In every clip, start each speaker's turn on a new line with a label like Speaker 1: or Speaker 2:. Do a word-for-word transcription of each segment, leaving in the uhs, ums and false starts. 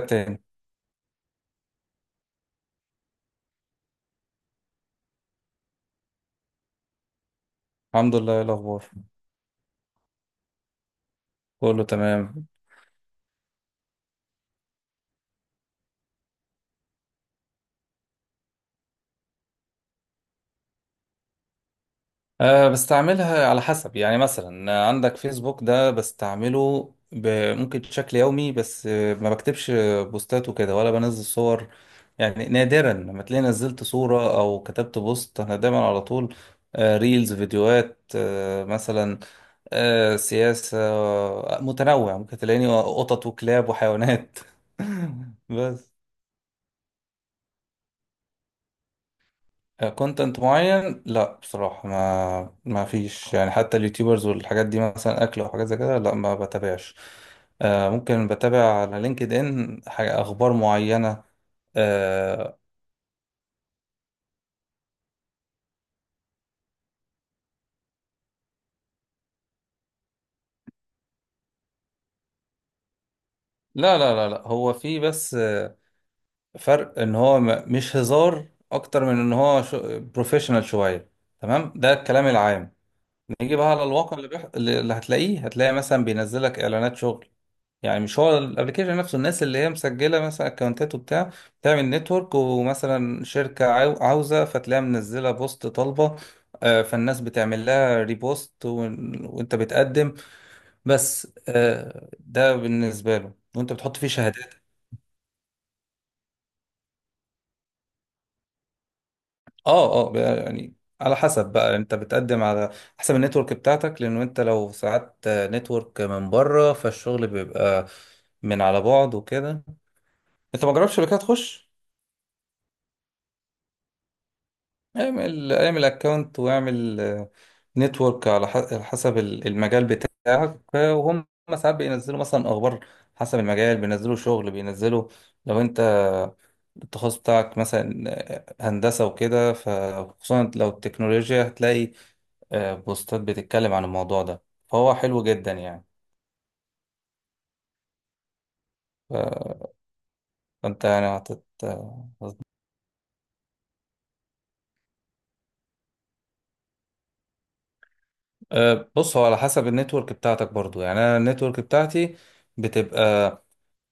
Speaker 1: تاني. الحمد لله. إيه الأخبار؟ كله تمام. أه بستعملها على حسب، يعني مثلا عندك فيسبوك ده بستعمله ب... ممكن بشكل يومي، بس آه، ما بكتبش بوستات وكده ولا بنزل صور. يعني نادرا لما تلاقي نزلت صورة أو كتبت بوست، أنا دايما على طول آه، ريلز، فيديوهات، آه، مثلا آه، سياسة، آه، متنوع. ممكن تلاقيني قطط وكلاب وحيوانات بس. كونتنت معين؟ لا بصراحة ما ما فيش، يعني حتى اليوتيوبرز والحاجات دي مثلا أكل أو حاجات زي كده، لا ما بتابعش. آه، ممكن بتابع على لينكد إن حاجة أخبار معينة آه، لا لا لا لا، هو في بس آه، فرق إن هو م- مش هزار. أكتر من إن هو بروفيشنال شوية. تمام، ده الكلام العام. نيجي بقى على الواقع، اللي, بيح... اللي هتلاقيه، هتلاقي مثلا بينزلك إعلانات شغل. يعني مش هو الابلكيشن نفسه، الناس اللي هي مسجله مثلا اكونتات وبتاع، بتعمل نتورك. ومثلا شركه عاو- عاوزه، فتلاقيها منزله بوست طالبه آه، فالناس بتعمل لها ريبوست وإن- وانت بتقدم. بس آه، ده بالنسبه له، وانت بتحط فيه شهادات. اه اه، بقى يعني على حسب بقى انت بتقدم، على حسب النتورك بتاعتك، لانه انت لو ساعدت نتورك من بره فالشغل بيبقى من على بعد وكده. انت ما جربتش شركات تخش؟ اعمل اعمل اكونت واعمل نتورك على ح- على حسب ال- المجال بتاعك آه، وهم ساعات بينزلوا مثلا اخبار. حسب المجال بينزلوا شغل. بينزلوا لو انت التخصص بتاعك مثلا آه، هندسة وكده، فخصوصا لو التكنولوجيا هتلاقي آه، بوستات بتتكلم عن الموضوع ده. فهو حلو جدا يعني. ف- فانت يعني هتت... آه، بص هو على حسب النتورك بتاعتك برضو. يعني انا النتورك بتاعتي بتبقى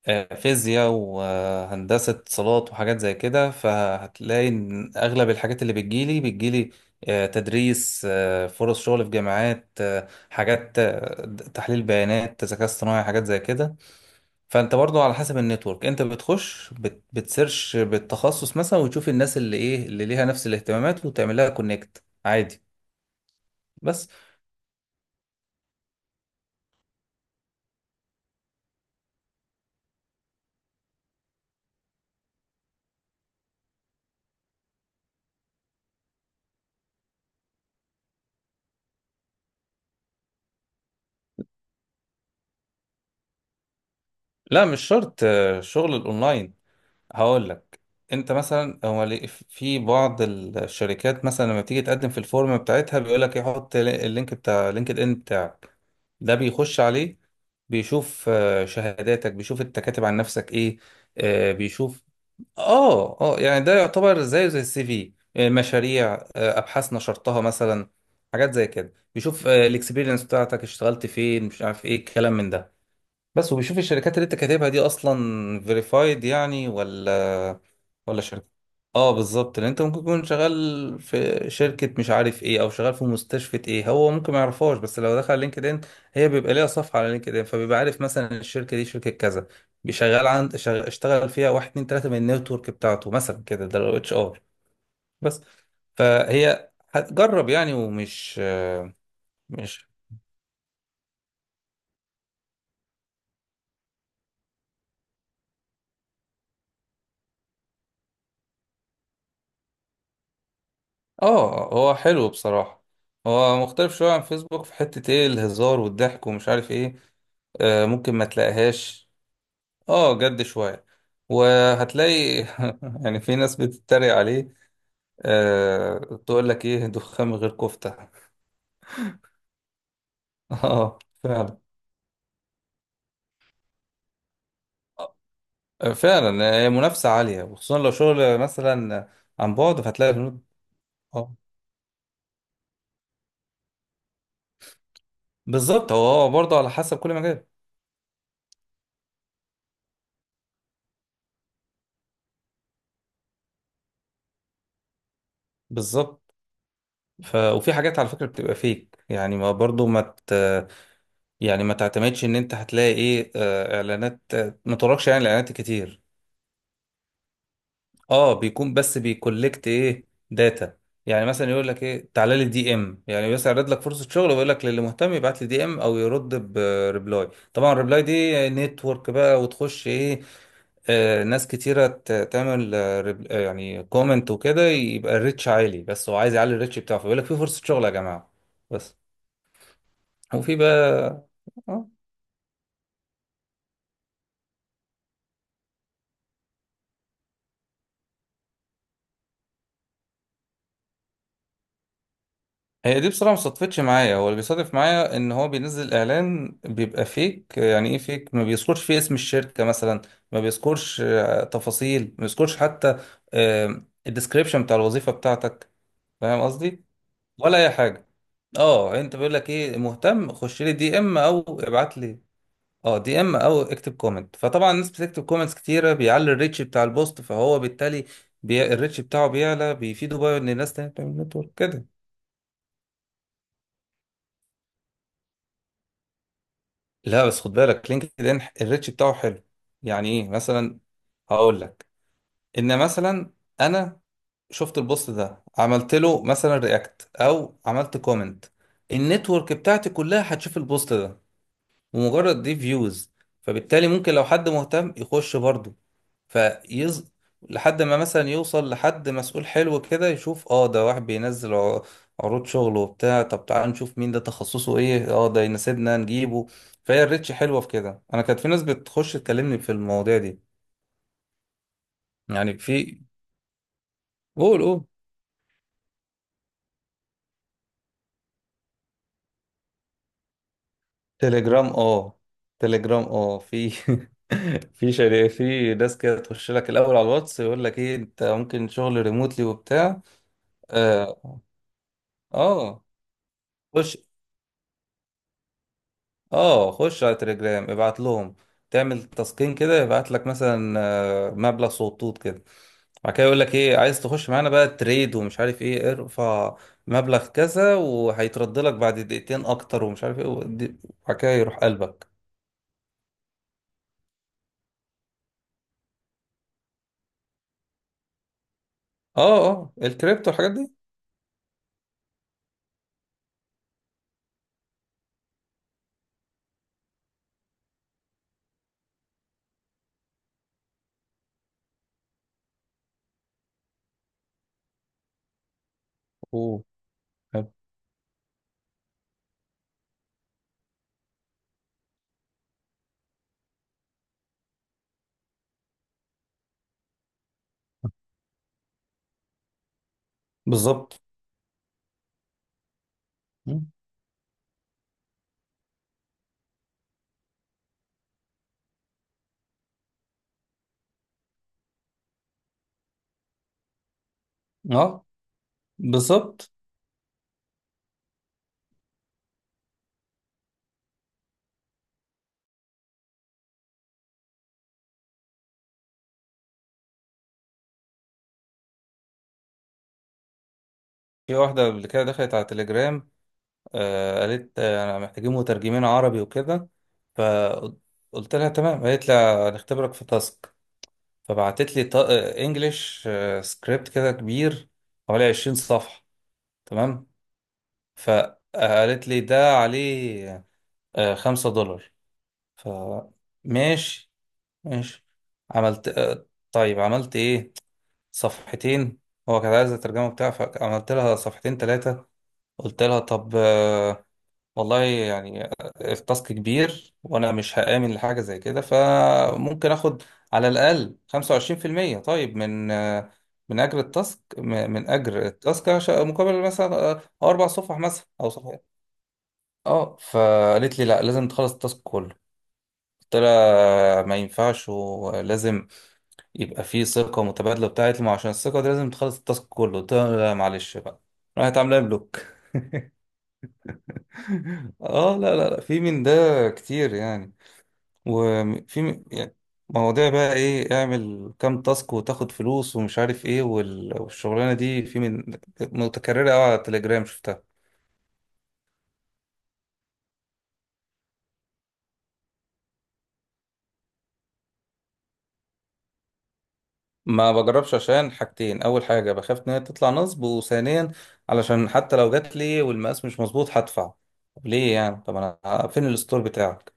Speaker 1: آه، فيزياء وهندسة اتصالات وحاجات زي كده. فهتلاقي إن أغلب الحاجات اللي بتجيلي بتجيلي آه، تدريس، آه، فرص شغل في جامعات، آه، حاجات آه، تحليل بيانات، ذكاء اصطناعي، حاجات زي كده. فأنت برضو على حسب النتورك، أنت بتخش بت- بتسيرش بالتخصص مثلا، وتشوف الناس اللي إيه اللي ليها نفس الاهتمامات، وتعمل لها كونكت عادي. بس. لا مش شرط آه، شغل الأونلاين. هقول لك، انت مثلا هو ليه- في بعض الشركات مثلا لما بتيجي تقدم في الفورم بتاعتها بيقول لك يحط اللينك بتاع لينكد ان بتاعك. ده بيخش عليه، بيشوف آه، شهاداتك، بيشوف انت كاتب عن نفسك ايه آه، بيشوف. اه اه يعني ده يعتبر زيه زي السي في، آه، مشاريع، آه، ابحاث نشرتها مثلا، حاجات زي كده. بيشوف آه، الاكسبيرينس بتاعتك، اشتغلت فين، مش عارف ايه الكلام من ده. بس. وبيشوف الشركات اللي انت كاتبها دي اصلا فيريفايد يعني، ولا ولا شركه. اه بالظبط، لان انت ممكن تكون شغال في شركه مش عارف ايه، او شغال في مستشفى ايه هو ممكن ما يعرفهاش. بس لو دخل لينكدين، هي بيبقى ليها صفحه على لينكدين، فبيبقى عارف مثلا الشركه دي شركه كذا. بيشغل عند شغ... اشتغل فيها واحد اتنين تلاته من النتورك بتاعته مثلا كده. ده لو اتش ار. بس. فهي هتجرب يعني. ومش مش اه هو حلو بصراحة. هو مختلف شوية عن فيسبوك في حتة ايه الهزار والضحك ومش عارف ايه. آه ممكن ما تلاقيهاش. اه جد شوية. وهتلاقي يعني في ناس بتتريق عليه آه تقول لك ايه؟ دخان من غير كفتة اه فعلا آه، فعلا آه، منافسة عالية، وخصوصا لو شغل مثلا عن بعد، فهتلاقي البنود. اه بالظبط، هو هو برضه على حسب كل مجال. بالظبط. ف... وفي حاجات على فكرة بتبقى فيك، يعني ما برضه ما ت... يعني ما تعتمدش ان انت هتلاقي ايه آه، اعلانات آه، ما تراكش، يعني الاعلانات كتير. اه بيكون، بس بيكولكت ايه؟ داتا. يعني مثلا يقول لك ايه؟ تعالى لي دي ام، يعني بس يعرض لك فرصه شغل ويقول لك للي مهتم يبعت لي دي ام او يرد بريبلاي، طبعا الريبلاي دي نتورك بقى، وتخش ايه آه، ناس كتيرة ت- تعمل آه، ريب- آه، يعني كومنت وكده، يبقى الريتش عالي. بس هو عايز يعلي الريتش بتاعه فيقول لك في فرصة شغل يا جماعة. بس. وفي بقى آه. هي دي بصراحة ما صدفتش معايا، هو اللي بيصادف معايا ان هو بينزل اعلان بيبقى فيك، يعني ايه فيك؟ ما بيذكرش فيه اسم الشركة مثلا، ما بيذكرش آه، تفاصيل، ما بيذكرش حتى الديسكريبشن بتاع الوظيفة بتاعتك. فاهم قصدي؟ ولا اي حاجة. اه انت بيقول لك ايه؟ مهتم؟ خش لي دي ام او ابعت لي. اه دي ام او اكتب كومنت. فطبعا الناس بتكتب كومنتس كتيرة، بيعلي الريتش بتاع البوست. فهو بالتالي بي... الريتش بتاعه بيعلى، بيفيده بقى ان الناس تانية بتعمل نتورك كده. لا بس خد بالك، لينكد ان الريتش بتاعه حلو. يعني ايه مثلا؟ هقول لك. ان مثلا انا شفت البوست ده عملت له مثلا رياكت او عملت كومنت، النتورك بتاعتي كلها هتشوف البوست ده ومجرد دي فيوز. فبالتالي ممكن لو حد مهتم يخش برضه فيز، لحد ما مثلا يوصل لحد مسؤول حلو كده يشوف اه ده واحد بينزل عر- عروض شغل وبتاع، طب تعال نشوف مين ده، تخصصه ايه، اه ده يناسبنا نجيبه. فهي الريتش حلوة في كده. انا كانت في ناس بتخش تكلمني في المواضيع دي. يعني في، قول قول. تليجرام اه. تليجرام اه. في في شركة، في ناس كده تخش لك الاول على الواتس يقول لك ايه انت ممكن شغل ريموتلي وبتاع. اه خش. اه خش على تليجرام، ابعت لهم، تعمل تسكين كده، يبعت لك مثلا آه، مبلغ صوتوت كده. بعد كده يقول لك ايه؟ عايز تخش معانا بقى تريد ومش عارف ايه، ارفع مبلغ كذا وهيترد لك بعد دقيقتين اكتر ومش عارف ايه ودي- وبعد كده يروح قلبك. اه اه الكريبتو الحاجات دي. اوه. حلو. بالظبط. مم. اه بالظبط. في واحدة قبل كده دخلت على تليجرام آه، قالت آه، انا محتاجين مترجمين عربي وكده. فقلت لها تمام. قالت لها هنختبرك في تاسك. فبعتت لي انجلش سكريبت كده كبير، حوالي عشرين صفحة. تمام. فقالت لي ده عليه آه، خمسة دولار. فماشي. ماشي. عملت آه، طيب عملت ايه؟ صفحتين. هو كان عايز الترجمة بتاعها، فعملت لها صفحتين ثلاثة. قلت لها طب آه، والله يعني التاسك كبير، وانا مش هآمن لحاجه زي كده، فممكن اخد على الاقل خمسة وعشرين في المية، طيب، من من اجر التاسك، من اجر التاسك عش- مقابل مثلا أو اربع صفح مثلا او صفحه. اه فقالت لي لا، لازم تخلص التاسك كله. قلت لها ما ينفعش، ولازم يبقى فيه ثقه متبادله. بتاعت لي ما، عشان الثقه دي لازم تخلص التاسك كله. قلت لها لا معلش بقى. راحت عامله لي بلوك اه لا لا لا في من ده كتير يعني. وفي يعني مواضيع بقى ايه، اعمل كام تاسك وتاخد فلوس ومش عارف ايه، وال- والشغلانه دي في من، متكرره قوي على التليجرام شفتها. ما بجربش عشان حاجتين، اول حاجه بخاف ان هي تطلع نصب، وثانيا علشان حتى لو جات لي والمقاس مش مظبوط هدفع. طب ليه يعني؟ طب انا فين الستور بتاعك؟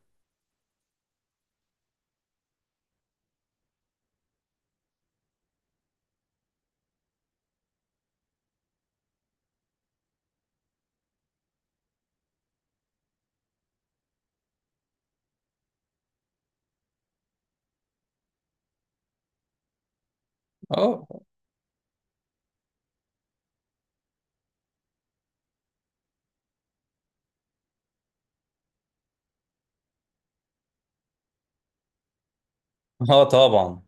Speaker 1: اه اه طبعا.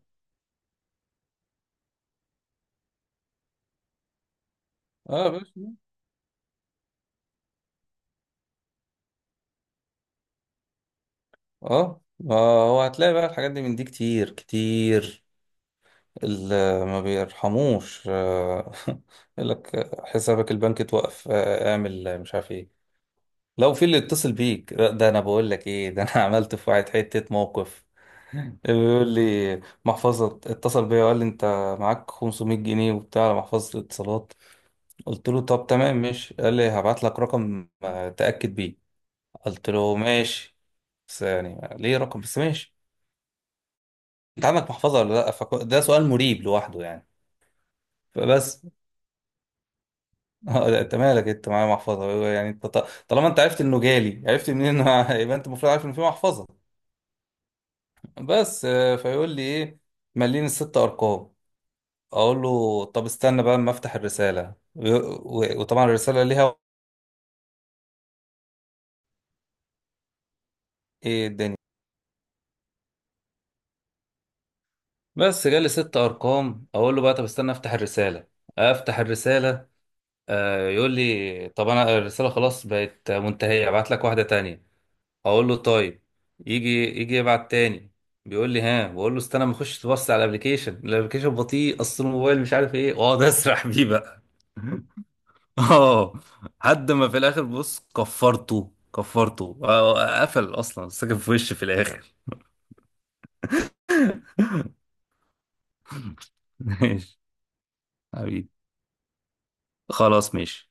Speaker 1: اه يا باشا. اه ما هو هتلاقي بقى الحاجات دي من دي كتير كتير، اللي ما بيرحموش آه، يقول لك حسابك البنكي اتوقف آه، اعمل مش عارف ايه. لو في اللي يتصل بيك، لا، ده انا بقول لك ايه، ده انا عملت في واحد حتة موقف. بيقول لي محفظة اتصل بيا وقال لي انت معاك خمسمية جنيه وبتاع على محفظة الاتصالات. قلت له طب تمام ماشي. قال لي هبعت لك رقم آه، تأكد بيه. قلت له ماشي، بس يعني ليه رقم، بس ماشي. انت عندك محفظة ولا لا؟ فك- ده سؤال مريب لوحده يعني. فبس. اه لا، انت مالك، انت معايا محفظه هو؟ يعني انت ط- طالما انت عرفت انه جالي، عرفت منين انه يبقى انت المفروض عارف ان في محفظه. بس آه، فيقول لي ايه؟ مليني الست ارقام. اقول له طب استنى بقى اما افتح الرساله و- و- وطبعا الرساله ليها ايه الدنيا. بس جالي ست ارقام. اقول له بقى طب استنى افتح الرساله. افتح الرساله آه، يقول لي طب انا الرساله خلاص بقت منتهيه، ابعت لك واحده تانية. اقول له طيب. يجي، يجي يبعت تاني. بيقول لي ها. بقول له استنى ما اخش تبص على الابلكيشن، الابلكيشن بطيء، اصل الموبايل مش عارف ايه، واقعد اسرح بيه بقى اه لحد ما في الاخر بص كفرته، كفرته آه، آه، قفل اصلا، ساكن في وشي في الاخر ماشي حبيبي، خلاص ماشي.